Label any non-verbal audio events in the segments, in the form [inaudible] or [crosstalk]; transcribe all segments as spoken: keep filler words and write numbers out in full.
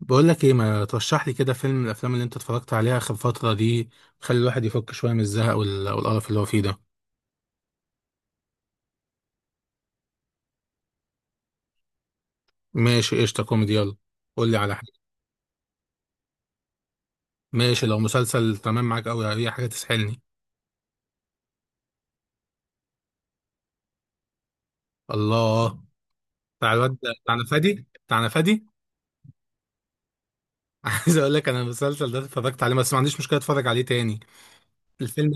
بقول لك ايه، ما ترشح لي كده فيلم من الافلام اللي انت اتفرجت عليها اخر فتره دي؟ خلي الواحد يفك شويه من الزهق وال- والقرف اللي هو فيه ده. ماشي قشطه، كوميدي، يلا قول لي على حاجه. ماشي، لو مسلسل تمام، معاك قوي اي حاجه تسحلني. الله، بتاع الواد، بتاعنا فادي بتاعنا فادي. [laughs] عايز اقول لك، انا المسلسل ده اتفرجت عليه، بس ما عنديش مشكله اتفرج عليه تاني. الفيلم،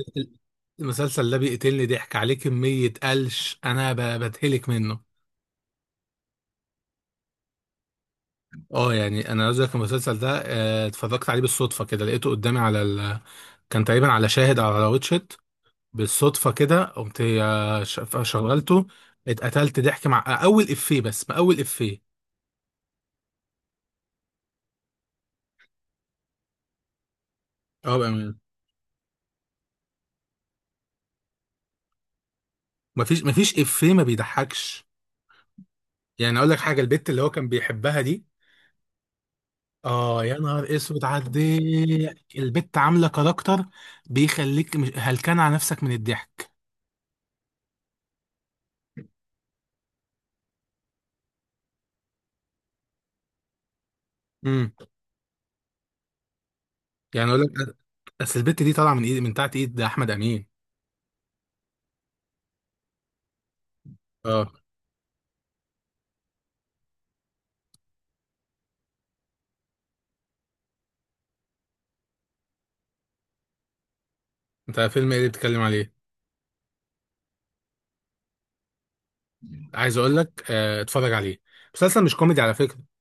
المسلسل ده بيقتلني ضحك عليه كميه قلش، انا ب- بتهلك منه. اه، يعني انا عايز اقول لك المسلسل ده، آه، اتفرجت عليه بالصدفه كده، لقيته قدامي على ال... كان تقريبا على شاهد او على واتشت. بالصدفه كده قمت، آه، ش- شغلته. اتقتلت ضحك مع آه، اول افيه، بس ما اول افيه. اه بامانه. مفيش مفيش افيه ما بيضحكش. يعني اقول لك حاجه، البت اللي هو كان بيحبها دي، اه يا نهار اسود على الضحك، البت عامله كاركتر، بيخليك مش- هلكان على نفسك من الضحك. امم. يعني اقول لك أ- اصل البت دي طالعه من ايد، من تحت ايد ده احمد امين. اه. انت فيلم ايه اللي بتتكلم عليه؟ عايز اقول لك آه، اتفرج عليه، مسلسل مش كوميدي على فكره.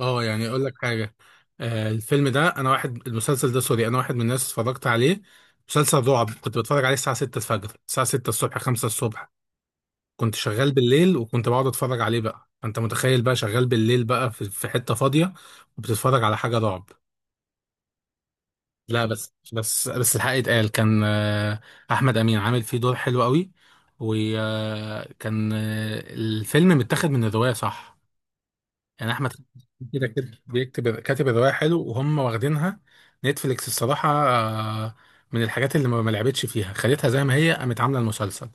اه يعني اقول لك حاجه، آه، الفيلم ده انا واحد، المسلسل ده سوري، انا واحد من الناس اتفرجت عليه. مسلسل رعب، كنت بتفرج عليه الساعه ستة الفجر، الساعه ستة الصبح، خمسة الصبح. كنت شغال بالليل، وكنت بقعد اتفرج عليه، بقى انت متخيل بقى شغال بالليل بقى في في حته فاضيه، وبتتفرج على حاجه رعب. لا، بس بس بس الحق يتقال، كان آه، احمد امين عامل فيه دور حلو قوي. وكان الفيلم متاخد من الروايه صح، يعني احمد كده كده بيكتب، كاتب الروايه حلو وهم واخدينها. نتفليكس الصراحه آه، من الحاجات اللي ما ما لعبتش فيها، خليتها زي ما هي، قامت عامله المسلسل.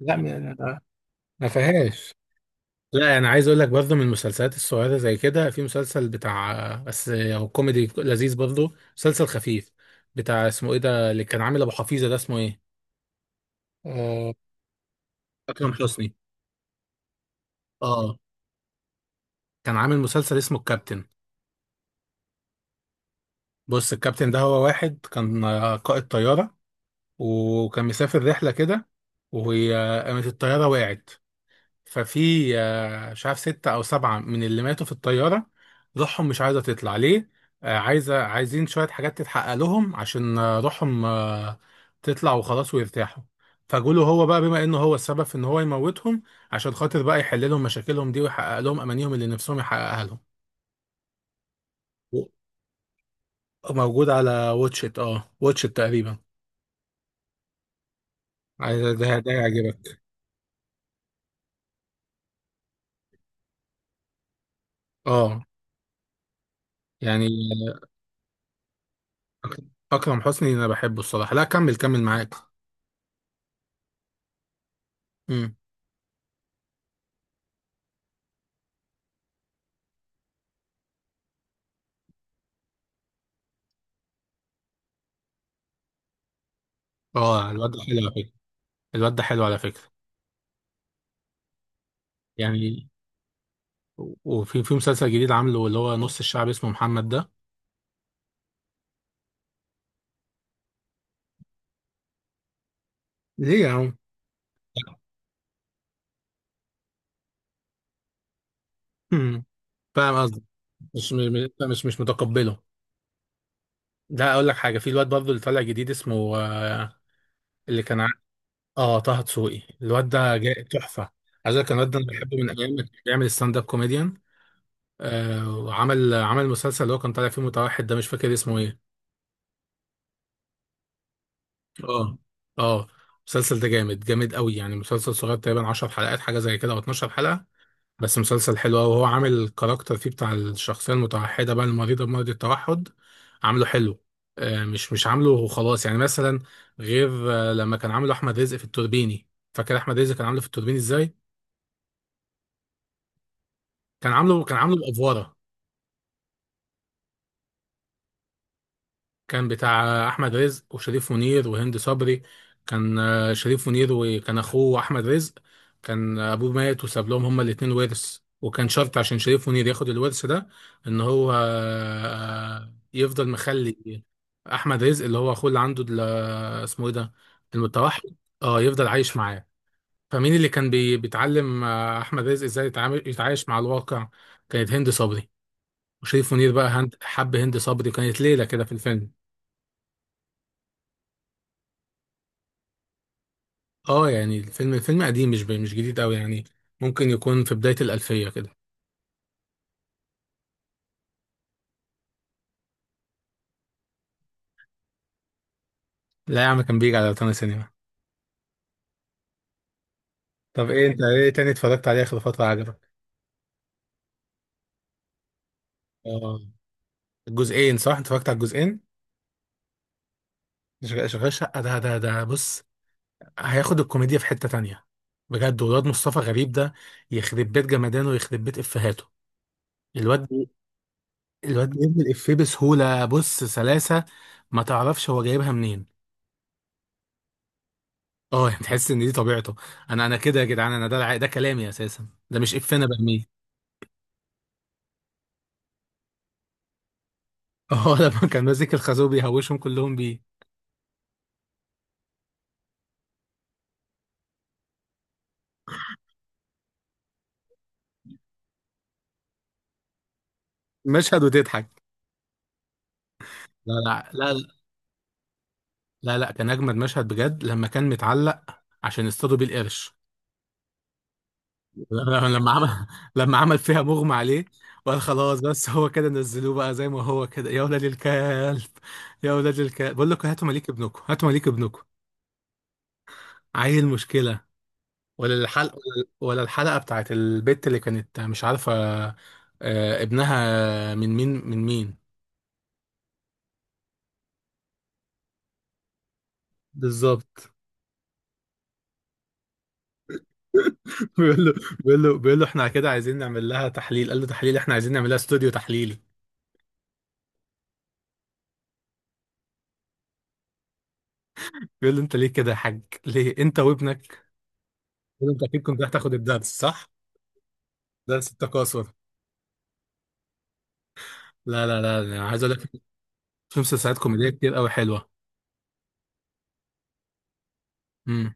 لا م- ما فيهاش. لا انا عايز اقول لك، برضه من المسلسلات الصغيره زي كده، في مسلسل بتاع، بس هو كوميدي لذيذ برضه، مسلسل خفيف، بتاع اسمه ايه ده، اللي كان عامل ابو حفيظه، ده اسمه ايه؟ آه، اكرم حسني. اه، كان عامل مسلسل اسمه الكابتن. بص، الكابتن ده هو واحد كان آه، قائد طياره، وكان مسافر رحله كده، وقامت الطياره وقعت. ففي آه، مش عارف ستة أو سبعة من اللي ماتوا في الطيارة، روحهم مش عايزة تطلع. ليه؟ آه، عايزة، عايزين شوية حاجات تتحقق لهم، عشان آه، روحهم آه، تطلع وخلاص ويرتاحوا. فجوله هو بقى، بما إنه هو السبب في إن هو يموتهم، عشان خاطر بقى يحل لهم مشاكلهم دي، ويحقق لهم أمانيهم اللي نفسهم يحققها لهم. و- موجود على واتشت، اه واتشت تقريبا. عايز- ده ده يعجبك؟ اه، يعني أك- أكرم حسني أنا بحبه الصراحة، لا كمل كمل معاك. مم. اه الواد ده حلو. الواد ده حلو على فكرة. يعني و- وفي في مسلسل جديد عامله، اللي هو نص الشعب، اسمه محمد ده. ليه يا عم؟ [clears throat] مم. فاهم قصدي، مش م- م- مش مش متقبله. لا اقول لك حاجة، في الواد برضه اللي طالع جديد اسمه آه، اللي كان ع- اه، طه دسوقي، الواد ده جاي تحفة. عايز اقول لك الواد ده انا بحبه من ايام ما كان بيعمل ستاند اب كوميديان. آه، وعمل عمل مسلسل اللي هو كان طالع فيه متوحد ده، مش فاكر اسمه ايه. اه. اه المسلسل ده جامد جامد قوي، يعني مسلسل صغير تقريبا عشر حلقات حاجة زي كده، او اتناشر حلقة. بس مسلسل حلو أوي، وهو عامل الكاركتر فيه، بتاع الشخصية المتوحدة بقى، المريضة بمرض التوحد، عامله حلو، آه، مش مش عامله وخلاص يعني، مثلا غير آه، لما كان عامله أحمد رزق في التوربيني. فاكر أحمد رزق كان عامله في التوربيني إزاي؟ كان عامله كان عامله بأفوارة. كان بتاع احمد رزق وشريف منير وهند صبري. كان آه، شريف منير، وكان اخوه احمد رزق. كان ابوه مات وساب لهم هما الاتنين ورث، وكان شرط عشان شريف منير ياخد الورث ده، ان هو آه، يفضل مخلي احمد رزق اللي هو اخوه اللي عنده ال- اسمه ايه ده، المتوحد، اه يفضل عايش معاه. فمين اللي كان بي- بيتعلم آه، احمد رزق ازاي يتعامل، يتعايش مع الواقع؟ كانت هند صبري. وشريف منير بقى، هند، حب هند صبري كانت ليلة كده في الفيلم. اه، يعني الفيلم، الفيلم قديم، مش ب- مش جديد قوي يعني، ممكن يكون في بداية الألفية كده. لا يا عم، كان بيجي على روتانا سينما. طب ايه، انت ايه تاني اتفرجت عليه آخر فترة عجبك؟ اه. الجزئين صح؟ انت اتفرجت على الجزئين؟ شغال شغال شقة، ده ده ده بص، هياخد الكوميديا في حتة تانية بجد، والواد مصطفى غريب ده يخرب بيت جمدانه ويخرب بيت إفيهاته. الواد [laughs] الواد بيرمي الإفيه بسهولة، بص سلاسة، ما تعرفش هو جايبها منين. اه، يعني تحس ان دي طبيعته. انا انا كده يا جدعان، انا ده الع- ده كلامي اساسا، ده مش افنا برميه. اه. [laughs] لما كان ماسك الخازوق بيهوشهم كلهم بيه. مشهد وتضحك. لا. لا، لا، لا، لا، كان اجمد مشهد بجد، لما كان متعلق عشان يصطادوا بيه القرش. [laughs] لما لما عمل، لما عمل فيها مغمى عليه، وقال خلاص، بس هو كده نزلوه بقى زي ما هو كده يا ولاد الكلب، يا ولاد الكلب بقول لكم هاتوا مليك ابنكم، هاتوا مليك ابنكم. عيل مشكله. ولا الحلقة، ولا الحلقة بتاعت البت اللي كانت مش عارفة آه، ابنها من مين، من مين. بالظبط. [laughs] بيقول له، بيقول له بيقول له احنا كده عايزين نعمل لها تحليل، قال له تحليل، احنا عايزين نعمل لها استوديو تحليلي. بيقول له انت ليه كده يا حاج، ليه انت وابنك، بيقول له انت اكيد كنت رايح تاخد الدرس صح، درس التكاثر. لا لا لا انا عايز اقول لك، في مسلسلات كوميديه كتير قوي حلوه. امم.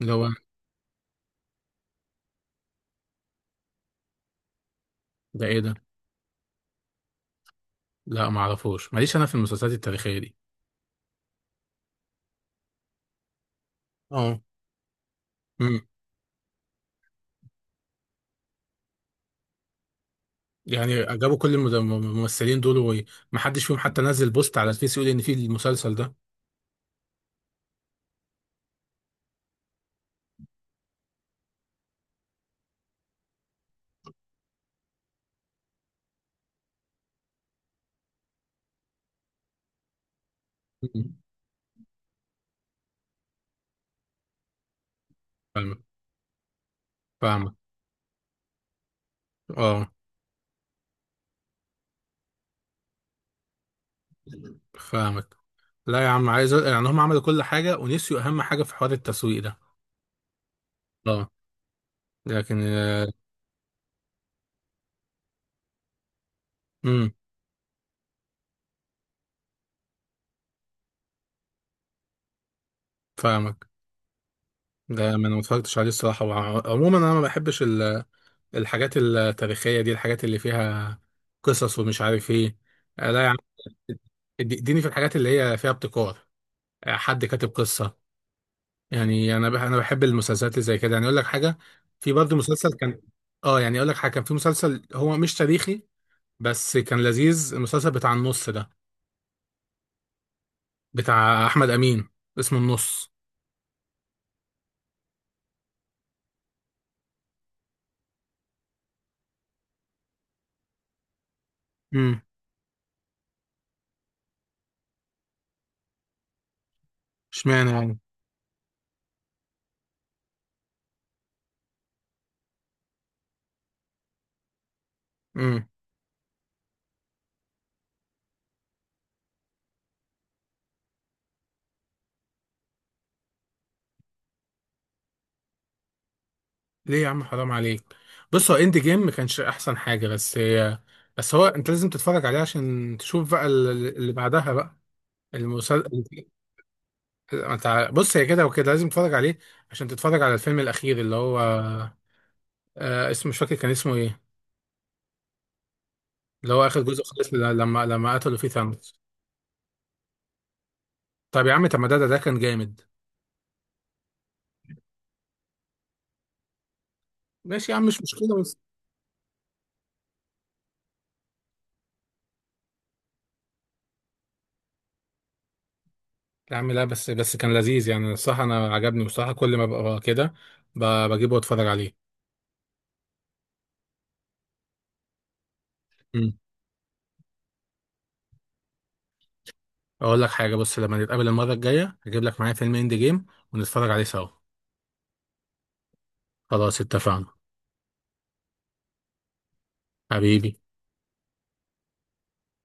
اللي هو ده ايه ده؟ لا ما اعرفوش ماليش انا في المسلسلات التاريخيه دي. اه، يعني جابوا كل المد- الممثلين دول، ومحدش فيهم حتى نزل بوست على الفيس يقول ان في المسلسل ده. مم. فاهمك، فاهمك. اه فاهمك. لا يا عم عايز أ- يعني هم عملوا كل حاجة، ونسيوا أهم حاجة في حوار التسويق ده. اه. لكن آه، امم فاهمك. ده ما انا ما اتفرجتش عليه الصراحة، وع- عموما انا ما بحبش ال- الحاجات التاريخية دي، الحاجات اللي فيها قصص ومش عارف ايه. آه، لا يا عم، ادي- اديني في الحاجات اللي هي فيها ابتكار، آه، حد كاتب قصة. يعني انا بح انا بحب المسلسلات اللي زي كده. يعني اقول لك حاجه، في برضه مسلسل كان، اه يعني اقول لك حاجه، كان في مسلسل هو مش تاريخي بس كان لذيذ، المسلسل بتاع النص ده، بتاع احمد امين، اسمه النص. امم. اشمعنى يعني؟ امم. ليه يا عم حرام عليك. بص، هو اند جيم ما كانش احسن حاجه بس هي، بس هو انت لازم تتفرج عليه عشان تشوف بقى ال- اللي بعدها بقى، المسلسل. بص، هي كده وكده لازم تتفرج عليه، عشان تتفرج على الفيلم الاخير، اللي هو آه اسمه مش فاكر كان اسمه ايه، اللي هو اخر جزء خالص، ل- لما لما قتلوا فيه ثانوس. طب يا عم، طب ما ده ده ده كان جامد. ماشي يا عم مش مشكله بس. يا عم لا، بس بس كان لذيذ يعني، الصراحه انا عجبني بصراحه، كل ما ببقى كده ب- بجيبه واتفرج عليه. امم. اقول لك حاجه، بص لما نتقابل المره الجايه هجيب لك معايا فيلم اند جيم ونتفرج عليه سوا. خلاص اتفقنا. حبيبي.